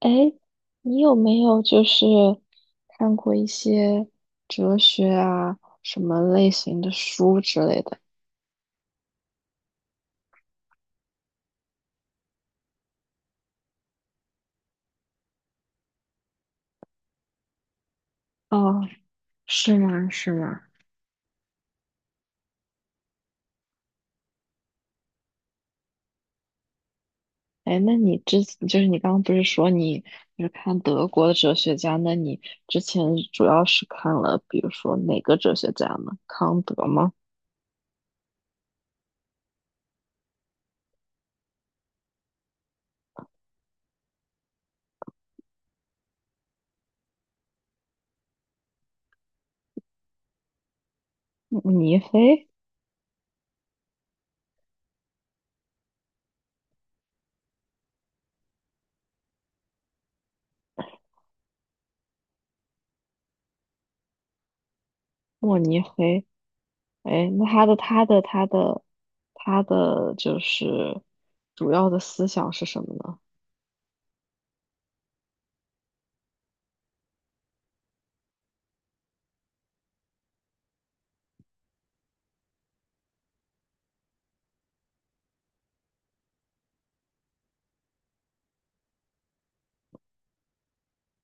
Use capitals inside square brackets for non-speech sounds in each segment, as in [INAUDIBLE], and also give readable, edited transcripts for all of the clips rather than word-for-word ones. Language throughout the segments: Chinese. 哎，你有没有就是看过一些哲学啊，什么类型的书之类的？哦，是吗？是吗？哎，那你就是你刚刚不是说你就是看德国的哲学家？那你之前主要是看了，比如说哪个哲学家呢？康德吗？慕尼黑？慕尼黑？哎，那他的他的就是主要的思想是什么呢？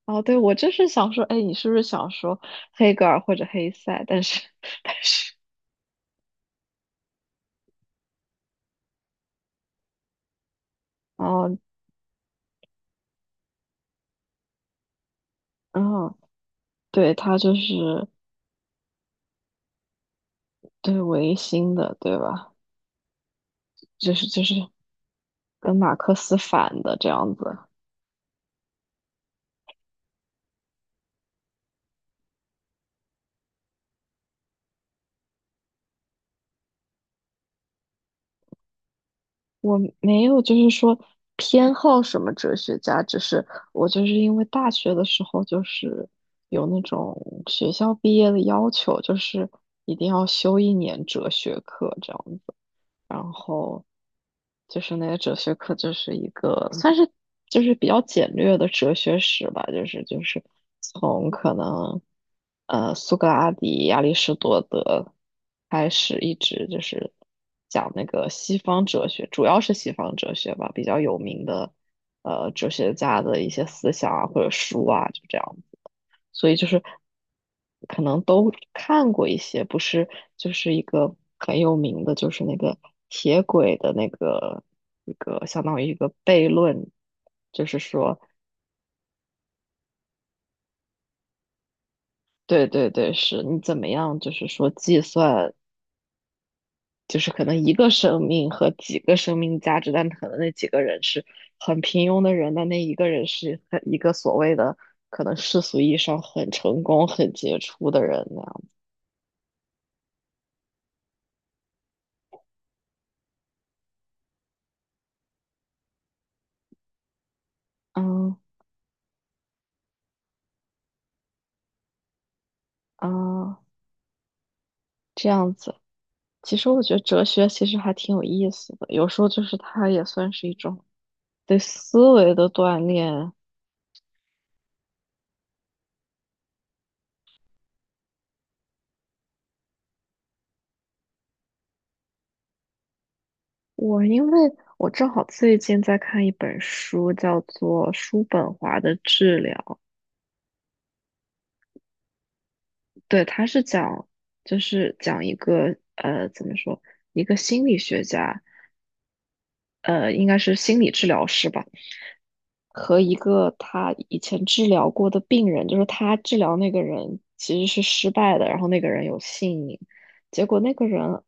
哦，对，我就是想说，哎，你是不是想说黑格尔或者黑塞？但是，[LAUGHS] 但是，哦，嗯，对，他就是对维新的，对吧？就是跟马克思反的这样子。我没有就是说偏好什么哲学家，只是我就是因为大学的时候就是有那种学校毕业的要求，就是一定要修1年哲学课这样子。然后就是那个哲学课就是一个算是就是比较简略的哲学史吧，就是从可能苏格拉底、亚里士多德开始，一直就是讲那个西方哲学，主要是西方哲学吧，比较有名的哲学家的一些思想啊或者书啊，就这样。所以就是可能都看过一些，不是就是一个很有名的，就是那个铁轨的那个一个相当于一个悖论，就是说，对对对，是你怎么样，就是说计算，就是可能一个生命和几个生命价值，但可能那几个人是很平庸的人，但那一个人是很一个所谓的可能世俗意义上很成功、很杰出的人那样，嗯啊，这样子。其实我觉得哲学其实还挺有意思的，有时候就是它也算是一种对思维的锻炼。我因为我正好最近在看一本书，叫做《叔本华的治疗》，对，它是讲就是讲一个怎么说一个心理学家，应该是心理治疗师吧，和一个他以前治疗过的病人，就是他治疗那个人其实是失败的，然后那个人有性瘾，结果那个人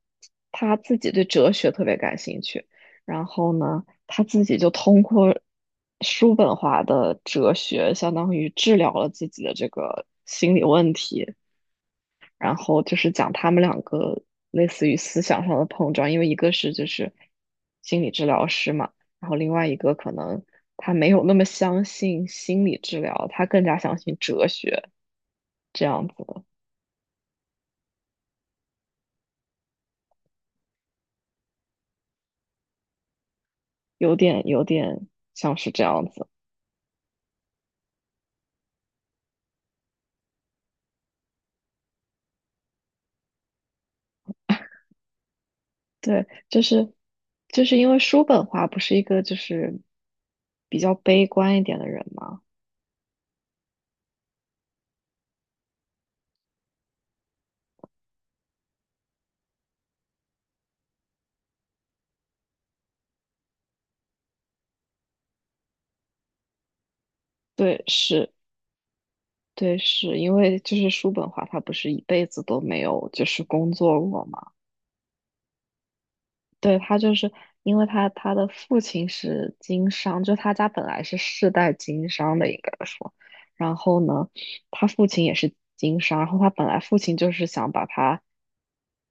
他自己对哲学特别感兴趣，然后呢，他自己就通过叔本华的哲学，相当于治疗了自己的这个心理问题。然后就是讲他们两个类似于思想上的碰撞，因为一个是就是心理治疗师嘛，然后另外一个可能他没有那么相信心理治疗，他更加相信哲学这样子的，有点像是这样子。对，就是因为叔本华不是一个就是比较悲观一点的人嘛，对，是。对，是因为就是叔本华他不是一辈子都没有就是工作过嘛，对，他就是因为他的父亲是经商，就他家本来是世代经商的，应该说。然后呢，他父亲也是经商，然后他本来父亲就是想把他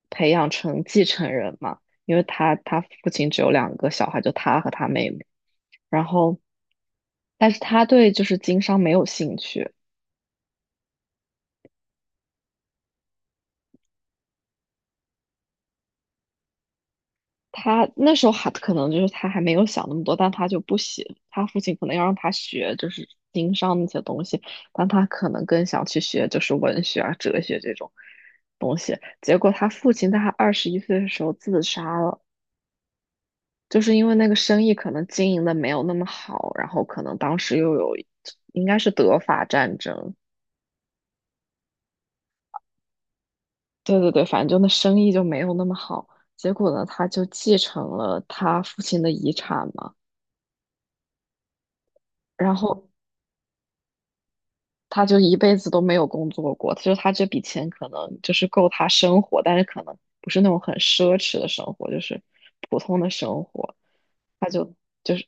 培养成继承人嘛，因为他父亲只有两个小孩，就他和他妹妹。然后，但是他对就是经商没有兴趣，他那时候还可能就是他还没有想那么多，但他就不喜，他父亲可能要让他学就是经商那些东西，但他可能更想去学就是文学啊、哲学这种东西。结果他父亲在他21岁的时候自杀了，就是因为那个生意可能经营的没有那么好，然后可能当时又有应该是德法战争，对对对，反正就那生意就没有那么好。结果呢，他就继承了他父亲的遗产嘛。然后他就一辈子都没有工作过，就是他这笔钱可能就是够他生活，但是可能不是那种很奢侈的生活，就是普通的生活。他就是。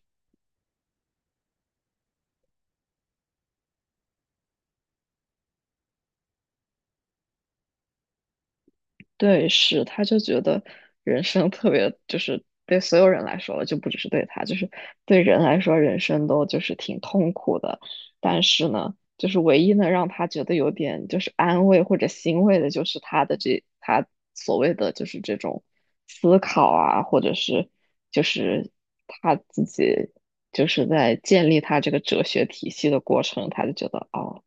对，是，他就觉得人生特别，就是对所有人来说了就不只是对他，就是对人来说，人生都就是挺痛苦的。但是呢，就是唯一能让他觉得有点就是安慰或者欣慰的，就是他的这他所谓的就是这种思考啊，或者是就是他自己就是在建立他这个哲学体系的过程，他就觉得哦，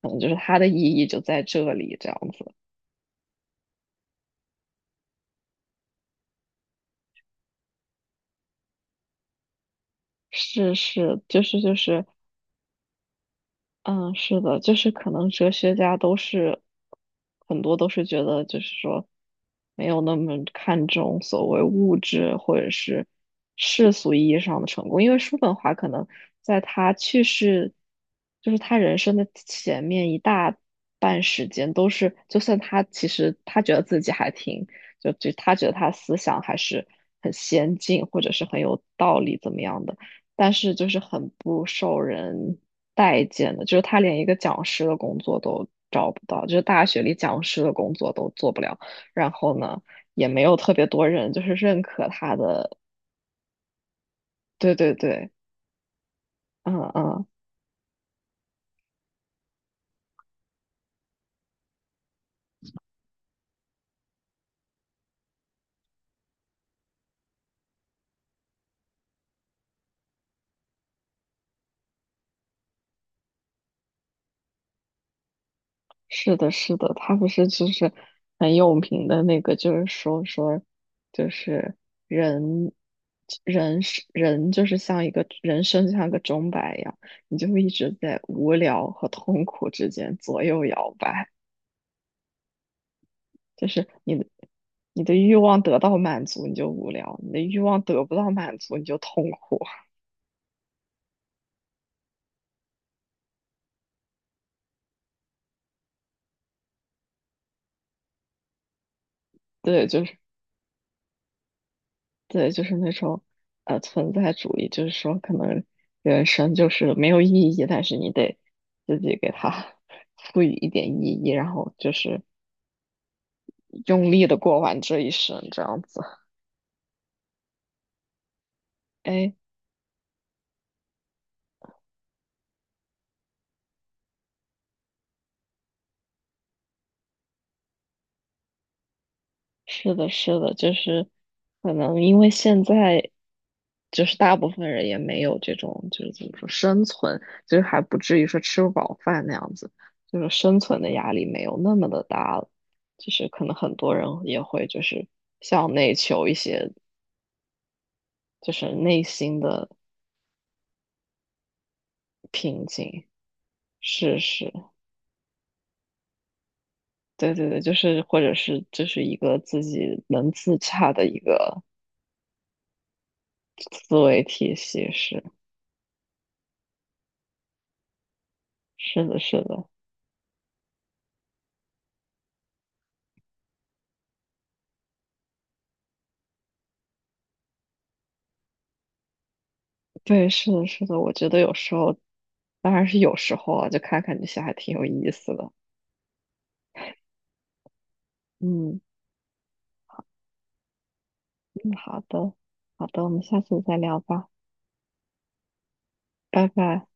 可能就是他的意义就在这里，这样子。是是，就是，嗯，是的，就是可能哲学家都是很多都是觉得，就是说没有那么看重所谓物质或者是世俗意义上的成功，因为叔本华可能在他去世，就是他人生的前面一大半时间都是，就算他其实他觉得自己还挺，就他觉得他思想还是很先进或者是很有道理怎么样的，但是就是很不受人。待见的，就是他连一个讲师的工作都找不到，就是大学里讲师的工作都做不了。然后呢，也没有特别多人就是认可他的。对对对，嗯嗯，是的，是的，他不是就是很有名的那个，就是说说就是人。人是人，就是像一个人生，就像个钟摆一样，你就会一直在无聊和痛苦之间左右摇摆。就是你的欲望得到满足，你就无聊；你的欲望得不到满足，你就痛苦。[LAUGHS] 对，就是对，就是那种存在主义，就是说可能人生就是没有意义，但是你得自己给它 [LAUGHS] 赋予一点意义，然后就是用力的过完这一生，这样子。哎，是的，是的，就是可能因为现在就是大部分人也没有这种就是怎么说生存，就是还不至于说吃不饱饭那样子，就是生存的压力没有那么的大了，就是可能很多人也会就是向内求一些就是内心的平静。是是，对对对，就是或者是就是一个自己能自洽的一个思维体系，是是的，是的。对，是的，是的，我觉得有时候，当然是有时候啊，就看看这些还挺有意思的。嗯嗯，好的，好的，我们下次再聊吧，拜拜。